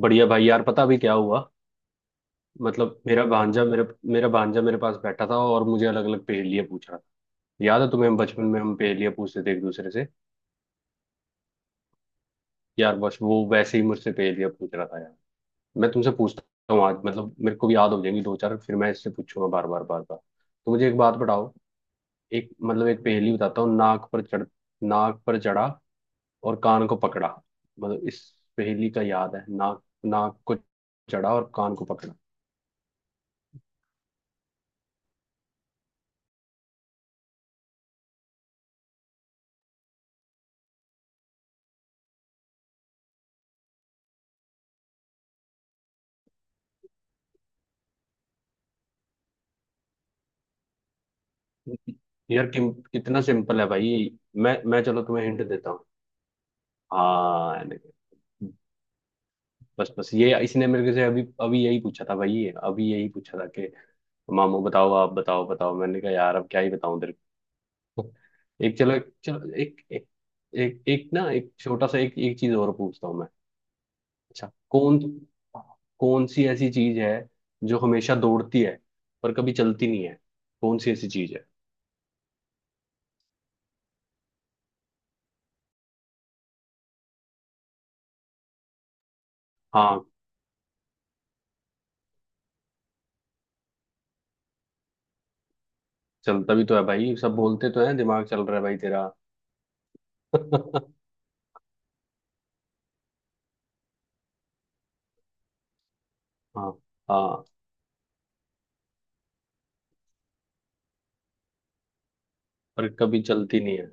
बढ़िया भाई। यार पता अभी क्या हुआ? मतलब मेरा भांजा मेरे पास बैठा था और मुझे अलग अलग पहेलियां पूछ रहा था। याद है तुम्हें बचपन में हम पहेलियां पूछते थे एक दूसरे से? यार बस वो वैसे ही मुझसे पहेलियां पूछ रहा था यार। मैं तुमसे पूछता हूँ आज, मतलब मेरे को भी याद हो जाएंगी दो चार, फिर मैं इससे पूछूंगा बार बार बार बार। तो मुझे एक बात बताओ, एक मतलब एक पहेली बताता हूँ। नाक पर चढ़ा और कान को पकड़ा। मतलब इस पहेली का याद है? नाक, नाक को चढ़ा और कान को पकड़ा। यार कि, कितना सिंपल है भाई। मैं चलो तुम्हें हिंट देता हूँ। हाँ। बस बस, ये इसने मेरे को से अभी अभी यही पूछा था भाई, अभी यही पूछा था कि मामू बताओ, आप बताओ बताओ। मैंने कहा यार अब क्या ही बताऊं तेरे को। एक चलो, चलो एक एक, एक एक छोटा सा एक एक चीज और पूछता हूँ मैं। अच्छा, कौन कौन सी ऐसी चीज है जो हमेशा दौड़ती है पर कभी चलती नहीं है? कौन सी ऐसी चीज है? हाँ, चलता भी तो है भाई, सब बोलते तो हैं दिमाग चल रहा है भाई तेरा। हाँ हाँ, पर कभी चलती नहीं है।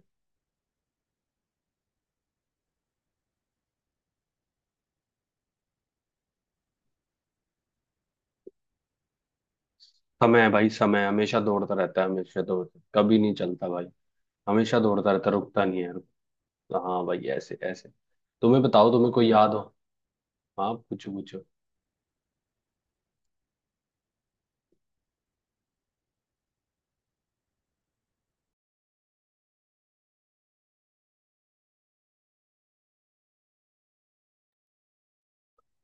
समय है भाई, समय हमेशा दौड़ता रहता है, हमेशा दौड़ता कभी नहीं चलता भाई। हमेशा दौड़ता रहता, रुकता नहीं है, हाँ भाई ऐसे ऐसे। तुम्हें बताओ, तुम्हें कोई याद हो? हाँ पूछो पूछो।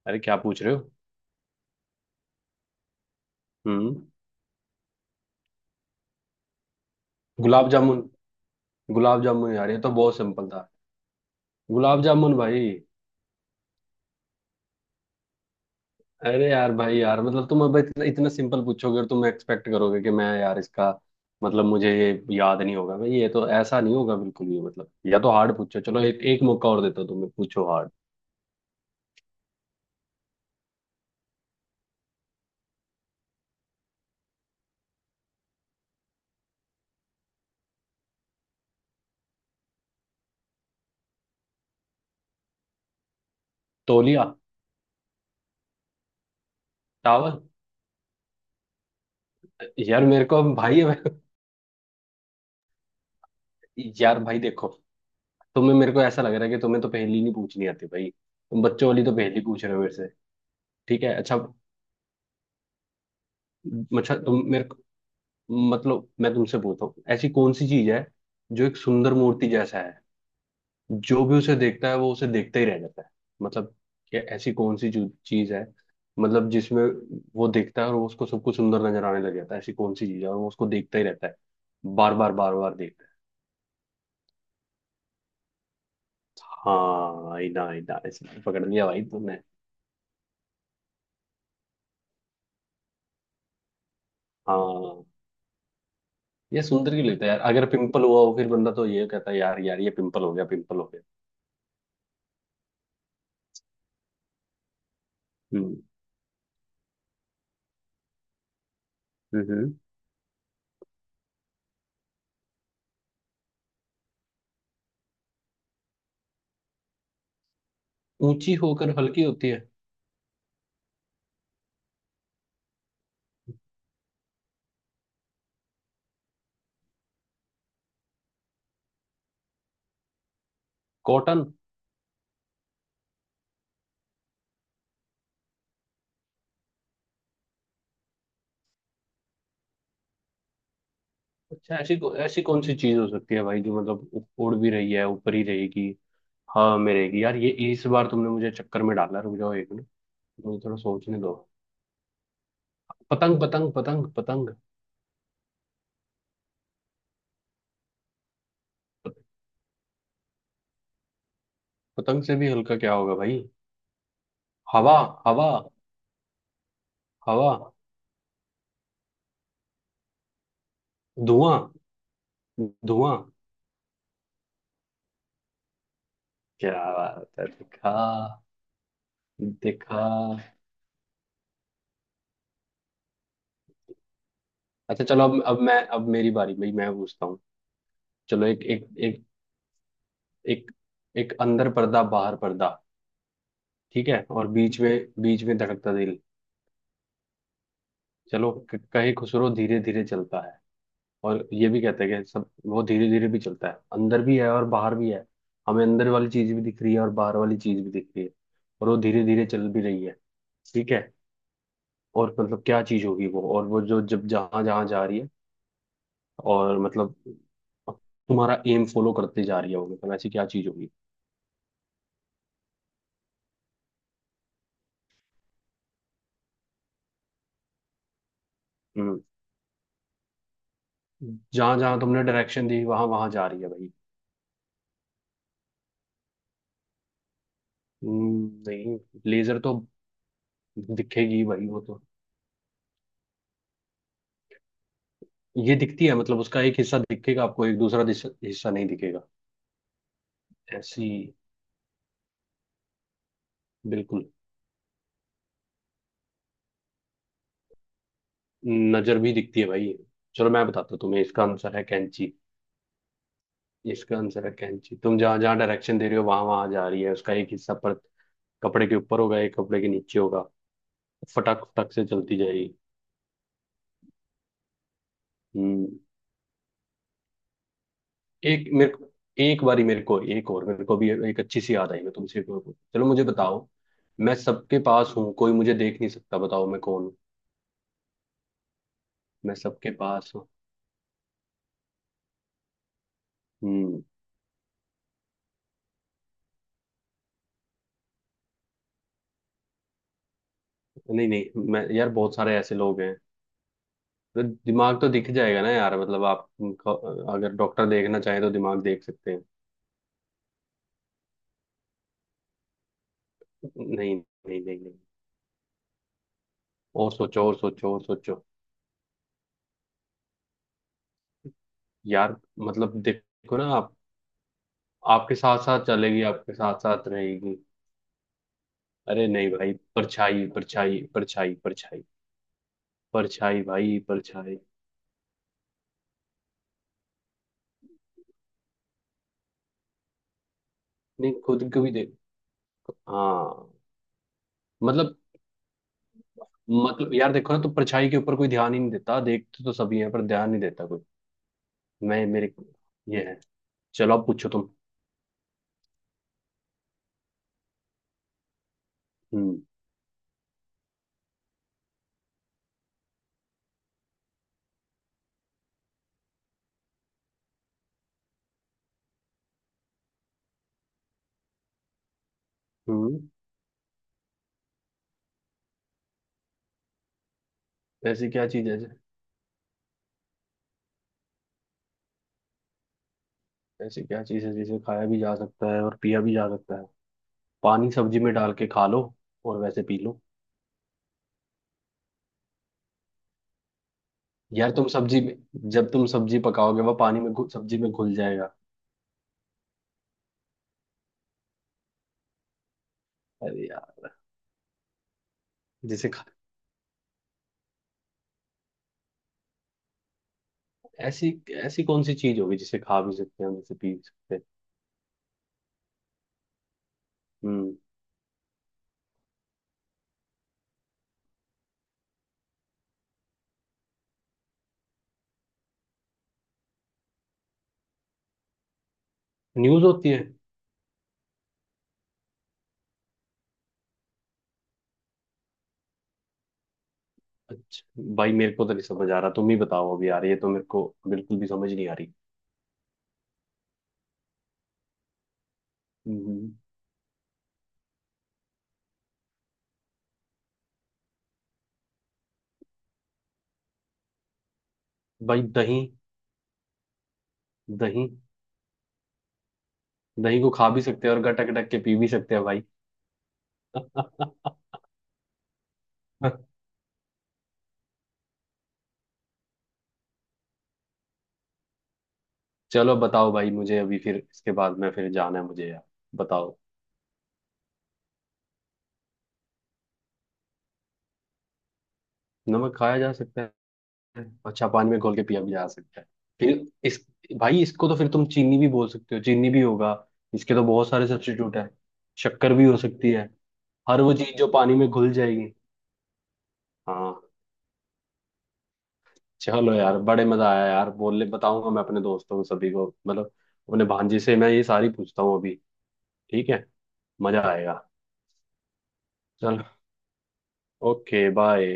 अरे क्या पूछ रहे हो? हम्म। गुलाब जामुन। गुलाब जामुन यार, ये तो बहुत सिंपल था। गुलाब जामुन भाई। अरे यार भाई यार, मतलब तुम अब इतना सिंपल पूछोगे और तुम एक्सपेक्ट करोगे कि मैं यार इसका मतलब मुझे ये याद नहीं होगा? भाई ये तो ऐसा नहीं होगा बिल्कुल भी। मतलब या तो हार्ड पूछो, चलो एक एक मौका और देता हूं तुम्हें, पूछो हार्ड। तौलिया। टावल। यार मेरे को अब भाई यार भाई देखो, तुम्हें मेरे को ऐसा लग रहा है कि तुम्हें तो पहेली नहीं पूछनी आती भाई, तुम बच्चों वाली तो पहेली पूछ रहे हो मेरे से। ठीक है। अच्छा, अच्छा तुम मेरे को, मतलब मैं तुमसे पूछता हूँ, ऐसी कौन सी चीज है जो एक सुंदर मूर्ति जैसा है, जो भी उसे देखता है वो उसे देखता ही रह जाता है। मतलब कि ऐसी कौन सी जो चीज है, मतलब जिसमें वो देखता है और वो उसको सब कुछ सुंदर नजर आने लग जाता है? ऐसी कौन सी चीज है और वो उसको देखता ही रहता है, बार बार बार बार देखता है। हाँ, आईना। आईना इसमें पकड़ लिया भाई तुमने। हाँ। ये सुंदर क्यों लगता है यार? अगर पिंपल हुआ हो फिर बंदा तो ये कहता है यार यार ये पिंपल हो गया, पिंपल हो गया। हम्म। हम्म। हम्म। ऊंची होकर हल्की होती है? कॉटन। अच्छा, ऐसी, ऐसी कौन सी चीज हो सकती है भाई जो मतलब उड़ भी रही है, ऊपर ही रहेगी? हाँ मेरे यार, ये इस बार तुमने मुझे चक्कर में डाला, रुक जाओ एक मिनट। मुझे थोड़ा सोचने दो। पतंग, पतंग, पतंग, पतंग। पतंग से भी हल्का क्या होगा भाई? हवा। हवा। हवा। धुआं। धुआं। क्या बात है, दिखा। दिखा। अच्छा चलो, अब मैं, अब मेरी बारी भाई, मैं पूछता हूँ। चलो एक एक एक एक एक अंदर पर्दा, बाहर पर्दा। ठीक है, और बीच में, बीच में धड़कता दिल। चलो, कहे खुसरो धीरे धीरे चलता है, और ये भी कहते हैं कि सब वो धीरे धीरे भी चलता है। अंदर भी है और बाहर भी है, हमें अंदर वाली चीज भी दिख रही है और बाहर वाली चीज भी दिख रही है, और वो धीरे धीरे चल भी रही है। ठीक है? और मतलब क्या चीज होगी वो, और वो जो जब जहां जहां जा रही है, और मतलब तुम्हारा एम फॉलो करते जा रही है वो। मतलब ऐसी क्या चीज होगी? हम्म, जहां जहां तुमने डायरेक्शन दी वहां वहां जा रही है भाई। नहीं। लेजर तो दिखेगी भाई, वो तो। ये दिखती है मतलब, उसका एक हिस्सा दिखेगा आपको, एक दूसरा हिस्सा नहीं दिखेगा। ऐसी। बिल्कुल। नजर भी दिखती है भाई। चलो मैं बताता हूँ तुम्हें, इसका आंसर है कैंची। इसका आंसर है कैंची। तुम जहां जहां डायरेक्शन दे रहे हो वहां वहां जा रही है, उसका एक हिस्सा पर कपड़े के ऊपर होगा, एक कपड़े के नीचे होगा। फटाक फटाक से चलती जाएगी। हम्म। एक मेरे को एक बारी मेरे को एक और मेरे को भी एक अच्छी सी याद आई, मैं तुमसे एक और चलो मुझे बताओ। मैं सबके पास हूँ, कोई मुझे देख नहीं सकता, बताओ मैं कौन हूँ? मैं सबके पास हूँ। हम्म। नहीं नहीं, मैं यार, बहुत सारे ऐसे लोग हैं तो दिमाग तो दिख जाएगा ना यार, मतलब आप अगर डॉक्टर देखना चाहे तो दिमाग देख सकते हैं। नहीं नहीं नहीं नहीं। और सोचो, और सोचो, और सोचो। यार मतलब देखो ना आप, आपके साथ साथ चलेगी, आपके साथ साथ रहेगी। अरे नहीं भाई, परछाई, परछाई, परछाई, परछाई। परछाई भाई, परछाई। नहीं, खुद को भी देख। हाँ। मतलब, मतलब यार देखो ना, तो परछाई के ऊपर कोई ध्यान ही नहीं देता, देखते तो सभी हैं पर ध्यान नहीं देता कोई। मैं मेरे ये है, चलो आप पूछो, तुम। हम्म। हम्म। ऐसी क्या चीज ऐसी क्या चीज है जिसे खाया भी जा सकता है और पिया भी जा सकता है? पानी, सब्जी में डाल के खा लो, और वैसे पी लो। यार तुम सब्जी में, जब तुम सब्जी पकाओगे वह पानी में सब्जी में घुल जाएगा। अरे यार, जिसे खा ऐसी, ऐसी कौन सी चीज होगी जिसे खा भी सकते हैं, जिसे पी भी सकते हैं? हम्म। न्यूज होती है? अच्छा भाई मेरे को तो नहीं समझ आ रहा, तुम ही बताओ अभी यार, ये तो मेरे को बिल्कुल भी समझ नहीं आ रही। हम्म। भाई दही। दही। दही को खा भी सकते हैं और गटक गटक के पी भी सकते हैं भाई। चलो बताओ भाई, मुझे अभी फिर इसके बाद में फिर जाना है मुझे यार। बताओ। नमक खाया जा सकता है? अच्छा, पानी में घोल के पिया भी जा सकता है। फिर इस भाई इसको तो फिर तुम चीनी भी बोल सकते हो, चीनी भी होगा। इसके तो बहुत सारे सब्स्टिट्यूट है। शक्कर भी हो सकती है। हर वो चीज जो पानी में घुल जाएगी। हाँ। चलो यार, बड़े मजा आया यार, बोलने बताऊंगा मैं अपने दोस्तों को सभी को, मतलब अपने भांजे से मैं ये सारी पूछता हूँ अभी। ठीक है। मजा आएगा। चलो। Okay, bye.